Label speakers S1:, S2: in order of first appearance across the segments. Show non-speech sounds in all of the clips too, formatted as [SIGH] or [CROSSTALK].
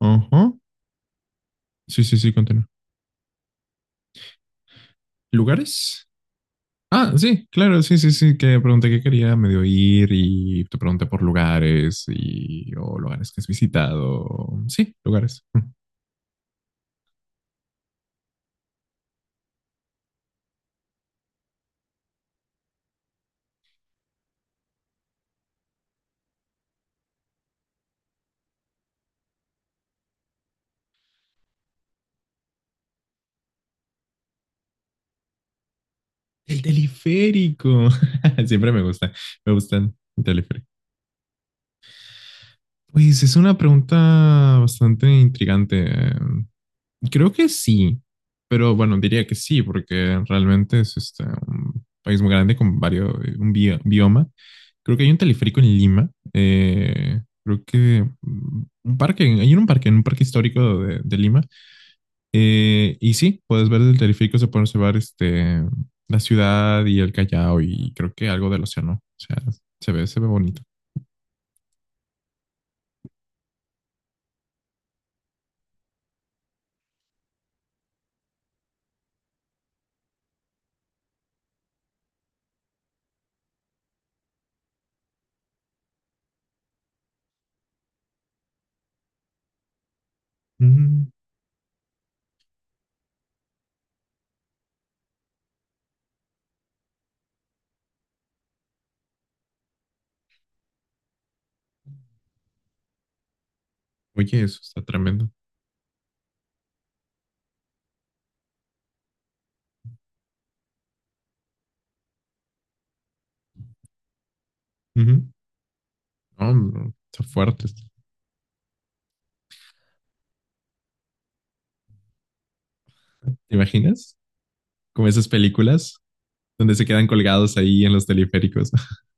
S1: Ajá. Sí, sí, sí, continúa. ¿Lugares? Ah, sí, claro, sí, sí, sí, que pregunté qué quería medio ir y te pregunté por lugares y o lugares que has visitado. Sí, lugares. El teleférico. [LAUGHS] Siempre me gusta, me gustan el teleférico. Pues es una pregunta bastante intrigante. Creo que sí, pero bueno, diría que sí, porque realmente es un país muy grande con varios, un bioma. Creo que hay un teleférico en Lima. Creo que un parque, hay un parque, en un parque histórico de Lima. Y sí, puedes ver del teleférico, se puede observar la ciudad y el Callao y creo que algo del océano. O sea, se ve bonito. Mm. Oye, eso está tremendo. Ujú. No, no, está fuerte, esto. ¿Te imaginas? Como esas películas donde se quedan colgados ahí en los teleféricos. [LAUGHS]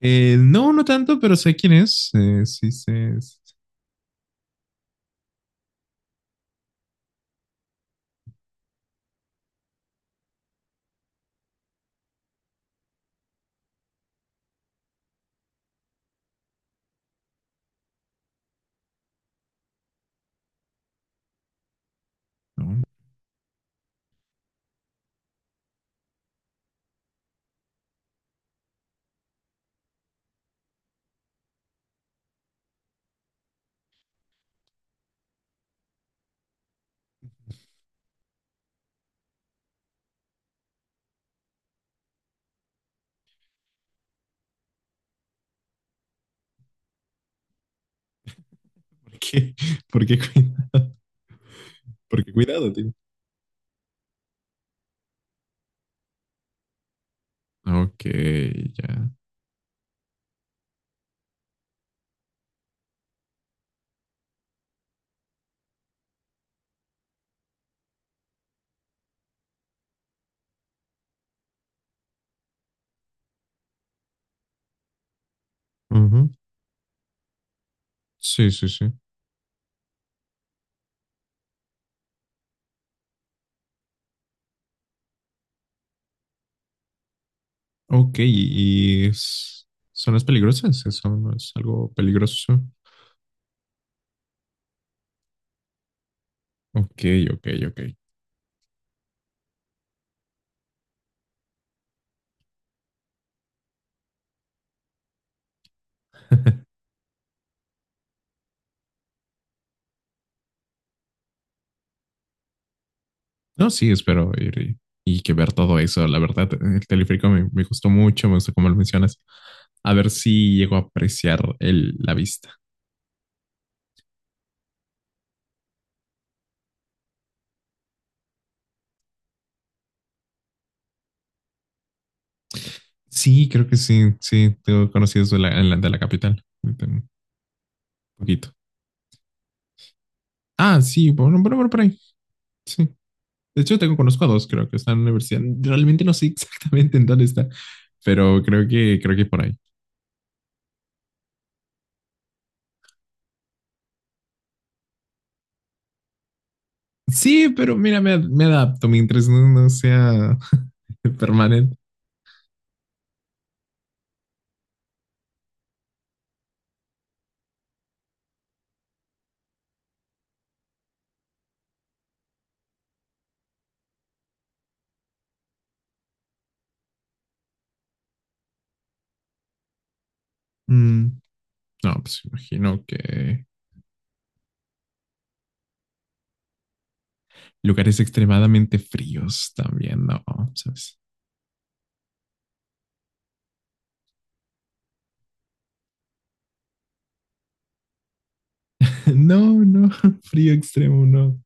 S1: No, no tanto, pero sé quién es. Sí, sé. No, ¿por qué? [LAUGHS] ¿Por qué cuidado? ¿Por qué cuidado, tío? Ok, ya. Ujú. Sí, sí, sí. Ok, y son las peligrosas, ¿eso no es algo peligroso? Ok, ok, ok. [LAUGHS] No, sí, espero ir y que ver todo eso. La verdad, el teleférico me gustó mucho, me gustó como lo mencionas. A ver si llego a apreciar la vista. Sí, creo que sí, sí, tengo conocidos de la capital. Un poquito. Ah, sí, bueno, bueno, bueno, por ahí. Sí. De hecho, conozco a dos, creo que están en la universidad. Realmente no sé [LAUGHS] exactamente en dónde está, pero creo que por ahí. Sí, pero mira, me adapto mientras no sea [LAUGHS] permanente. Mm, no, pues imagino que lugares extremadamente fríos también, no, ¿sabes? [LAUGHS] No, no, [LAUGHS] frío extremo, no.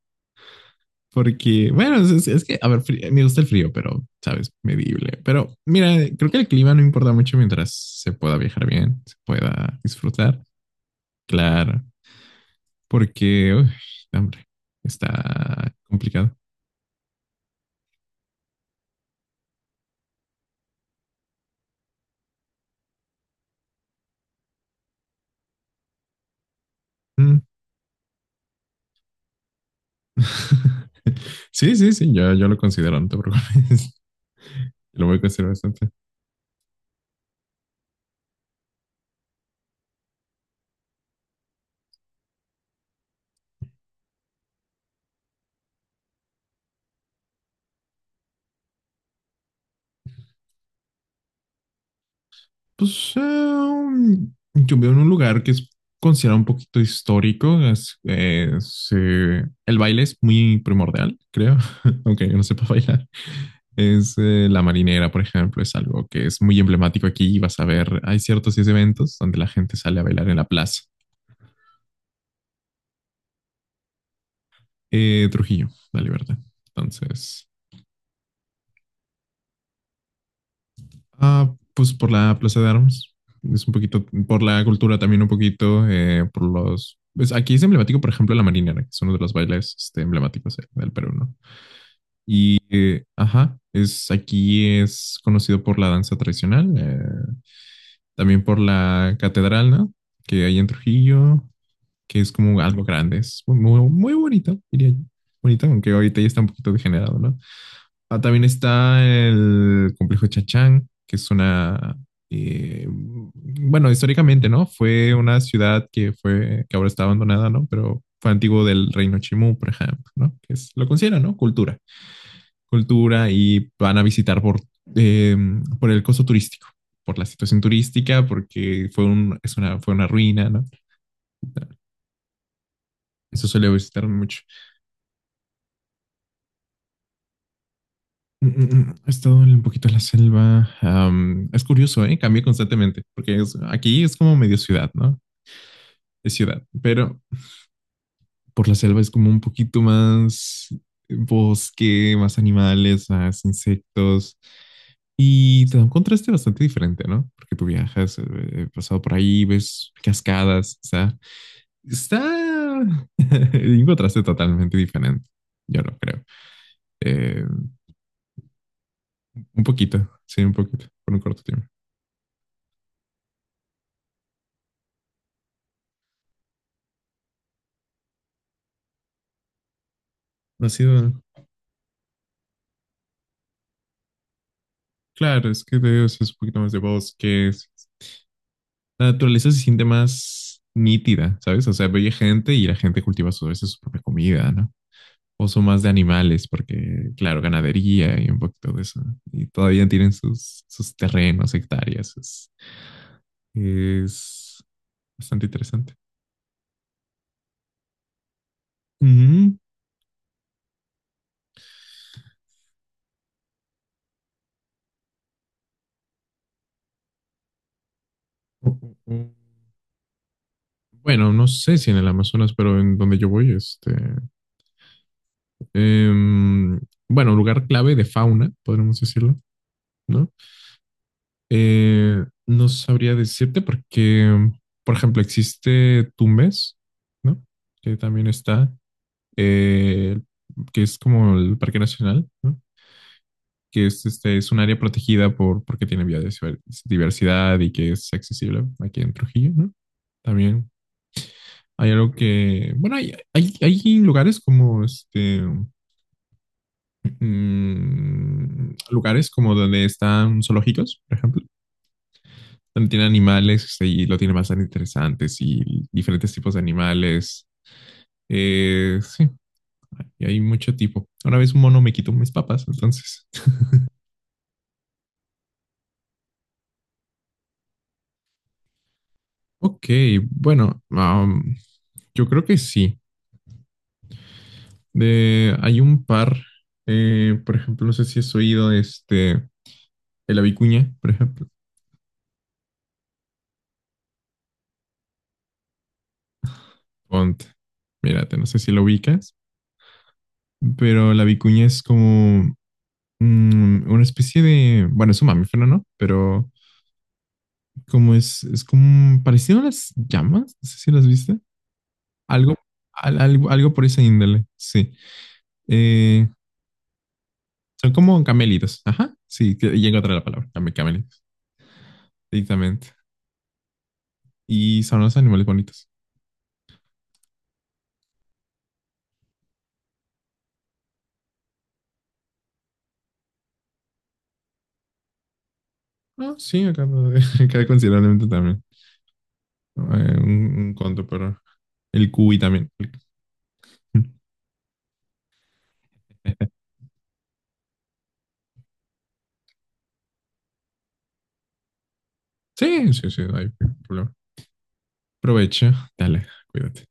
S1: Porque, bueno, es que, a ver, me gusta el frío, pero, ¿sabes? Medible. Pero, mira, creo que el clima no importa mucho mientras se pueda viajar bien, se pueda disfrutar. Claro, porque, uy, hombre, está complicado. Mm. [LAUGHS] Sí, sí, sí, yo lo considero, no te preocupes. [LAUGHS] Lo voy a considerar bastante. Pues yo vivo en un lugar que es considerado un poquito histórico. El baile es muy primordial, creo, [LAUGHS] aunque yo no sepa bailar. Es la marinera, por ejemplo, es algo que es muy emblemático aquí, y vas a ver, hay ciertos eventos donde la gente sale a bailar en la plaza. Trujillo, la Libertad. Entonces... Ah, pues por la Plaza de Armas. Es un poquito, por la cultura también un poquito, por los... Pues aquí es emblemático, por ejemplo, la marinera, que es uno de los bailes emblemáticos del Perú, ¿no? Y, ajá, aquí es conocido por la danza tradicional, también por la catedral, ¿no? Que hay en Trujillo, que es como algo grande, es muy, muy bonito, diría yo. Bonito, aunque ahorita ya está un poquito degenerado, ¿no? Ah, también está el complejo Chachán, que es una, bueno, históricamente, ¿no? Fue una ciudad que fue, que ahora está abandonada, ¿no? Pero fue antiguo del reino Chimú, por ejemplo, ¿no? Que es, lo consideran, ¿no? Cultura. Cultura y van a visitar eh, por el costo turístico, por la situación turística, porque fue un, es una, fue una ruina, ¿no? Eso suele visitar mucho. Mm, mm, mm. He estado en un poquito en la selva. Es curioso, ¿eh? Cambia constantemente, porque aquí es como medio ciudad, ¿no? Es ciudad, pero por la selva es como un poquito más bosque, más animales, más insectos, y te da un contraste bastante diferente, ¿no? Porque tú viajas, he pasado por ahí, ves cascadas, o sea, está [LAUGHS] un contraste totalmente diferente, yo no creo. Eh, un poquito, sí, un poquito, por un corto tiempo. ¿No ha sido? Claro, es que te digo, sí es un poquito más de bosques. La naturaleza se siente más nítida, ¿sabes? O sea, ve gente y la gente cultiva a veces su propia comida, ¿no? O son más de animales, porque, claro, ganadería y un poquito de eso, ¿no? Y todavía tienen sus terrenos, hectáreas. Es bastante interesante. Ujú. O- o- o- Bueno, no sé si en el Amazonas, pero en donde yo voy, em, bueno, lugar clave de fauna, podríamos decirlo, ¿no? No sabría decirte porque, por ejemplo, existe Tumbes, ¿no? Que también está, eh, que es como el Parque Nacional, ¿no? Que es, es un área protegida porque tiene biodiversidad y que es accesible aquí en Trujillo, ¿no? También hay algo que, bueno, hay lugares como, lugares como donde están zoológicos, por ejemplo donde tiene animales y lo tiene bastante interesantes y diferentes tipos de animales. Sí, y hay mucho tipo. Una vez un mono me quitó mis papas, entonces. Ok, bueno, yo creo que sí. Hay un par, por ejemplo, no sé si has oído el vicuña por ejemplo. Ponte, mírate, no sé si lo ubicas, pero la vicuña es como una especie de, bueno, es un mamífero, ¿no? Pero es como parecido a las llamas, no sé si las viste. Algo, algo por esa índole, sí. Eh, Son como camelitos, ajá, sí, y encontré la palabra, camelitos, directamente. Y son los animales bonitos. Ah, sí, acá, [LAUGHS] acá considerablemente también. Eh, un conto, pero el cuy también. [LAUGHS] Sí, sí, sí, no hay problema. Aprovecha, dale, cuídate.